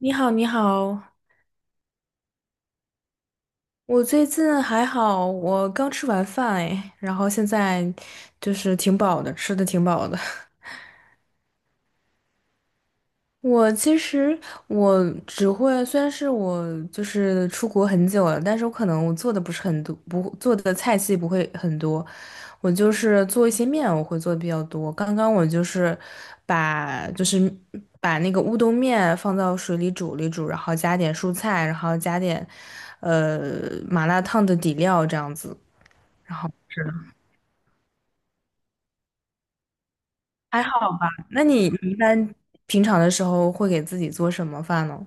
你好，你好，我最近还好，我刚吃完饭哎，然后现在就是挺饱的，吃的挺饱的。我其实我只会，虽然是我就是出国很久了，但是我可能我做的不是很多，不做的菜系不会很多，我就是做一些面，我会做的比较多。刚刚我就是把就是把那个乌冬面放到水里煮了一煮，然后加点蔬菜，然后加点麻辣烫的底料这样子，然后是的，还好吧？那你一般平常的时候会给自己做什么饭呢？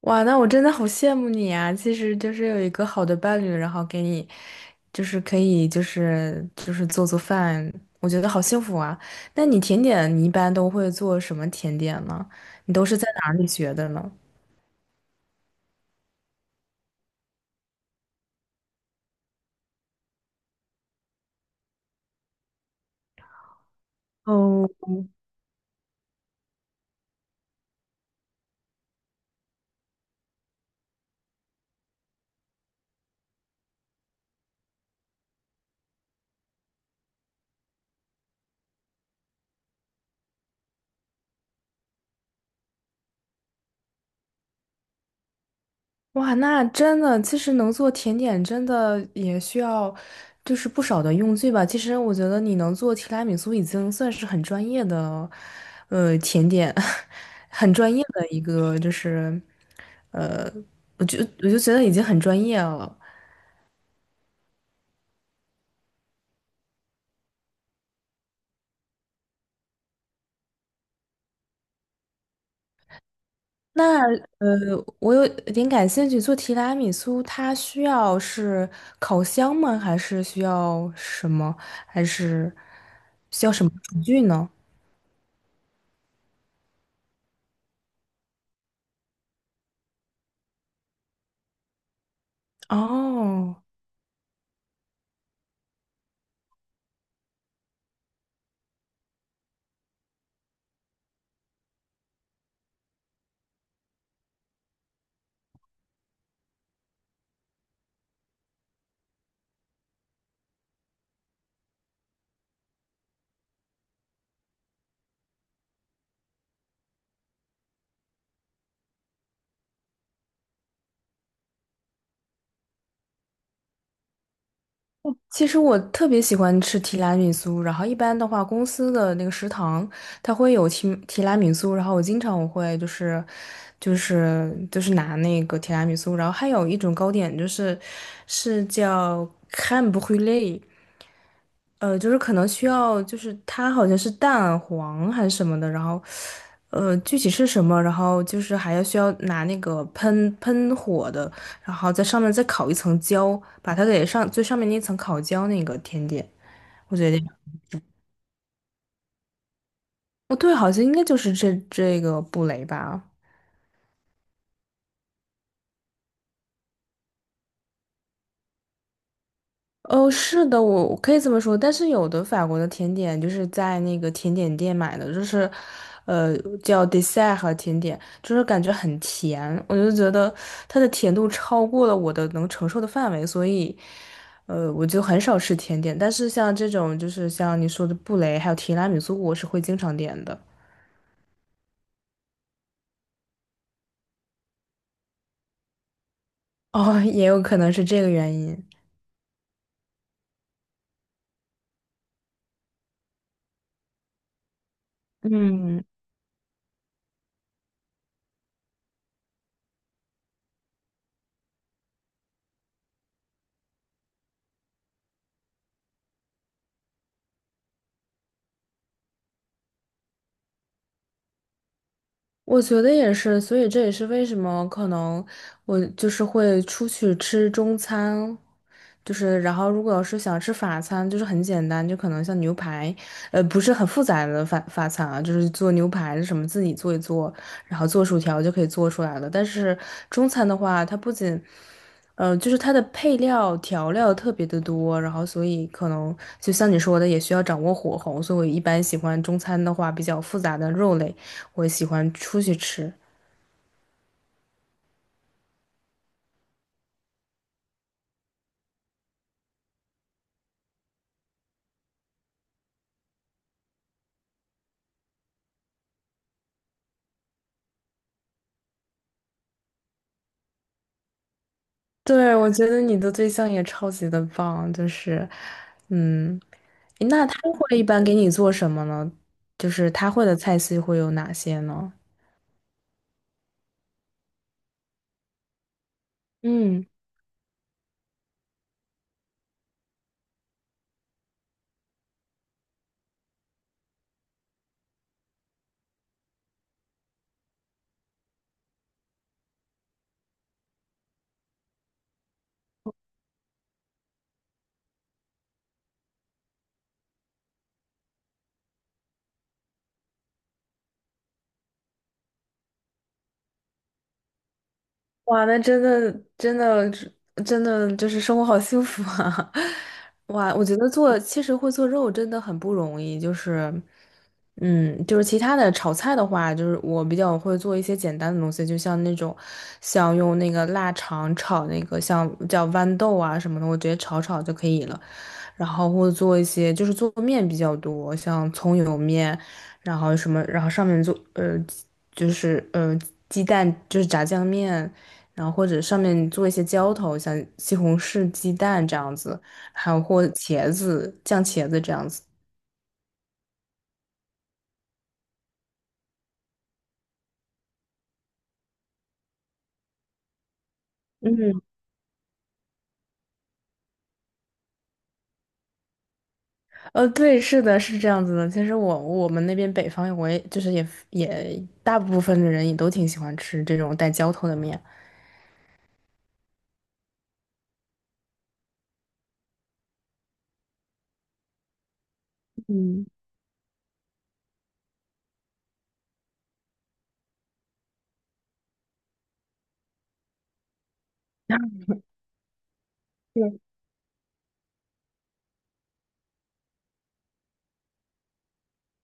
哇，那我真的好羡慕你啊！其实就是有一个好的伴侣，然后给你，就是可以，就是做做饭，我觉得好幸福啊。那你甜点，你一般都会做什么甜点呢？你都是在哪里学的呢？哦。哇，那真的，其实能做甜点真的也需要，就是不少的用具吧。其实我觉得你能做提拉米苏已经算是很专业的，呃，甜点，很专业的一个，就是，呃，我就觉得已经很专业了。那我有点感兴趣，做提拉米苏它需要是烤箱吗？还是需要什么？还是需要什么厨具呢？哦。其实我特别喜欢吃提拉米苏，然后一般的话，公司的那个食堂它会有提拉米苏，然后我经常我会就是拿那个提拉米苏，然后还有一种糕点是叫 crème b r û l é, 就是可能需要，就是它好像是蛋黄还是什么的，然后，具体是什么，然后就是还要需要拿那个喷喷火的，然后在上面再烤一层焦，把它给上最上面那层烤焦那个甜点，我觉得，哦，对，好像应该就是这个布雷吧。哦，是的，我可以这么说，但是有的法国的甜点就是在那个甜点店买的，就是，呃，叫 dessert 和甜点，就是感觉很甜，我就觉得它的甜度超过了我的能承受的范围，所以，我就很少吃甜点。但是像这种，就是像你说的布雷还有提拉米苏，我是会经常点的。哦，也有可能是这个原因。嗯。我觉得也是，所以这也是为什么可能我就是会出去吃中餐，就是然后如果要是想吃法餐，就是很简单，就可能像牛排，不是很复杂的法餐啊，就是做牛排什么自己做一做，然后做薯条就可以做出来了。但是中餐的话，它不仅，就是它的配料调料特别的多，然后所以可能就像你说的，也需要掌握火候，所以我一般喜欢中餐的话比较复杂的肉类。我喜欢出去吃。对，我觉得你的对象也超级的棒，就是，嗯，诶那他会一般给你做什么呢？就是他会的菜系会有哪些呢？嗯，哇，那真的真的真的就是生活好幸福啊！哇，我觉得做其实会做肉真的很不容易，就是。嗯，就是其他的炒菜的话，就是我比较会做一些简单的东西，就像那种，像用那个腊肠炒那个像叫豌豆啊什么的，我直接炒炒就可以了。然后或者做一些就是做面比较多，像葱油面，然后什么，然后上面做就是鸡蛋就是炸酱面，然后或者上面做一些浇头，像西红柿鸡蛋这样子，还有或茄子酱茄子这样子。对，是的，是这样子的。其实我们那边北方，我也就是也大部分的人也都挺喜欢吃这种带浇头的面。嗯，对，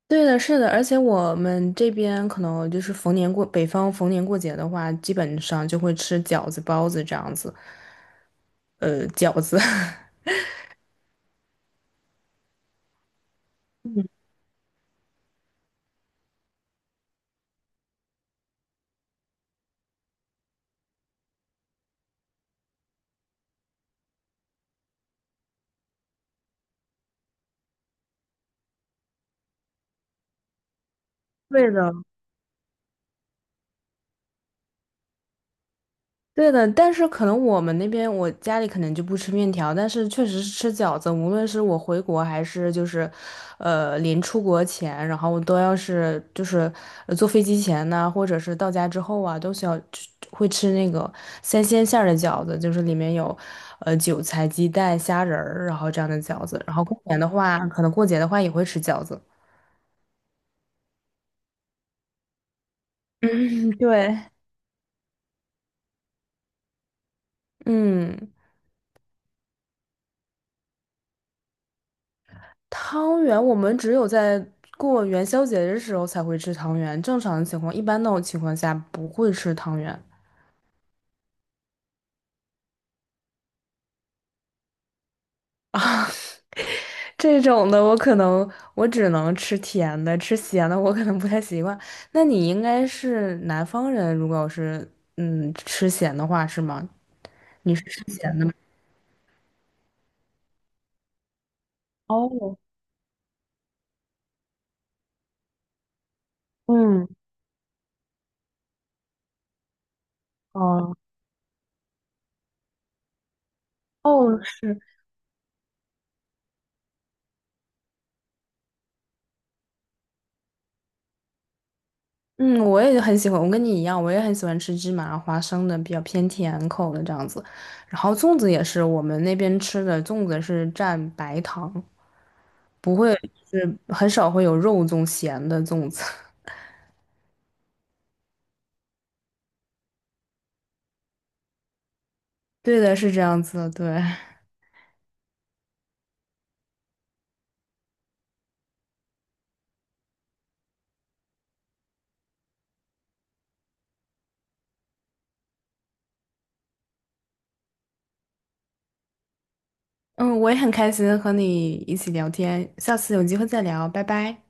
对的，是的，而且我们这边可能就是逢年过，北方逢年过节的话，基本上就会吃饺子、包子这样子。饺子，对的，对的，但是可能我们那边我家里可能就不吃面条，但是确实是吃饺子。无论是我回国还是就是，临出国前，然后都要是就是坐飞机前呢，或者是到家之后啊，都需要会吃那个三鲜馅儿的饺子，就是里面有韭菜、鸡蛋、虾仁儿，然后这样的饺子。然后过年的话，可能过节的话也会吃饺子。嗯，对，嗯，汤圆我们只有在过元宵节的时候才会吃汤圆，正常的情况，一般那种情况下不会吃汤圆啊。这种的我可能我只能吃甜的，吃咸的我可能不太习惯。那你应该是南方人，如果要是吃咸的话是吗？你是吃咸的吗？哦，嗯，哦，哦，是，嗯，我也很喜欢，我跟你一样，我也很喜欢吃芝麻花生的，比较偏甜口的这样子。然后粽子也是我们那边吃的，粽子是蘸白糖，不会是很少会有肉粽咸的粽子。对的，是这样子的，对。嗯，我也很开心和你一起聊天，下次有机会再聊，拜拜。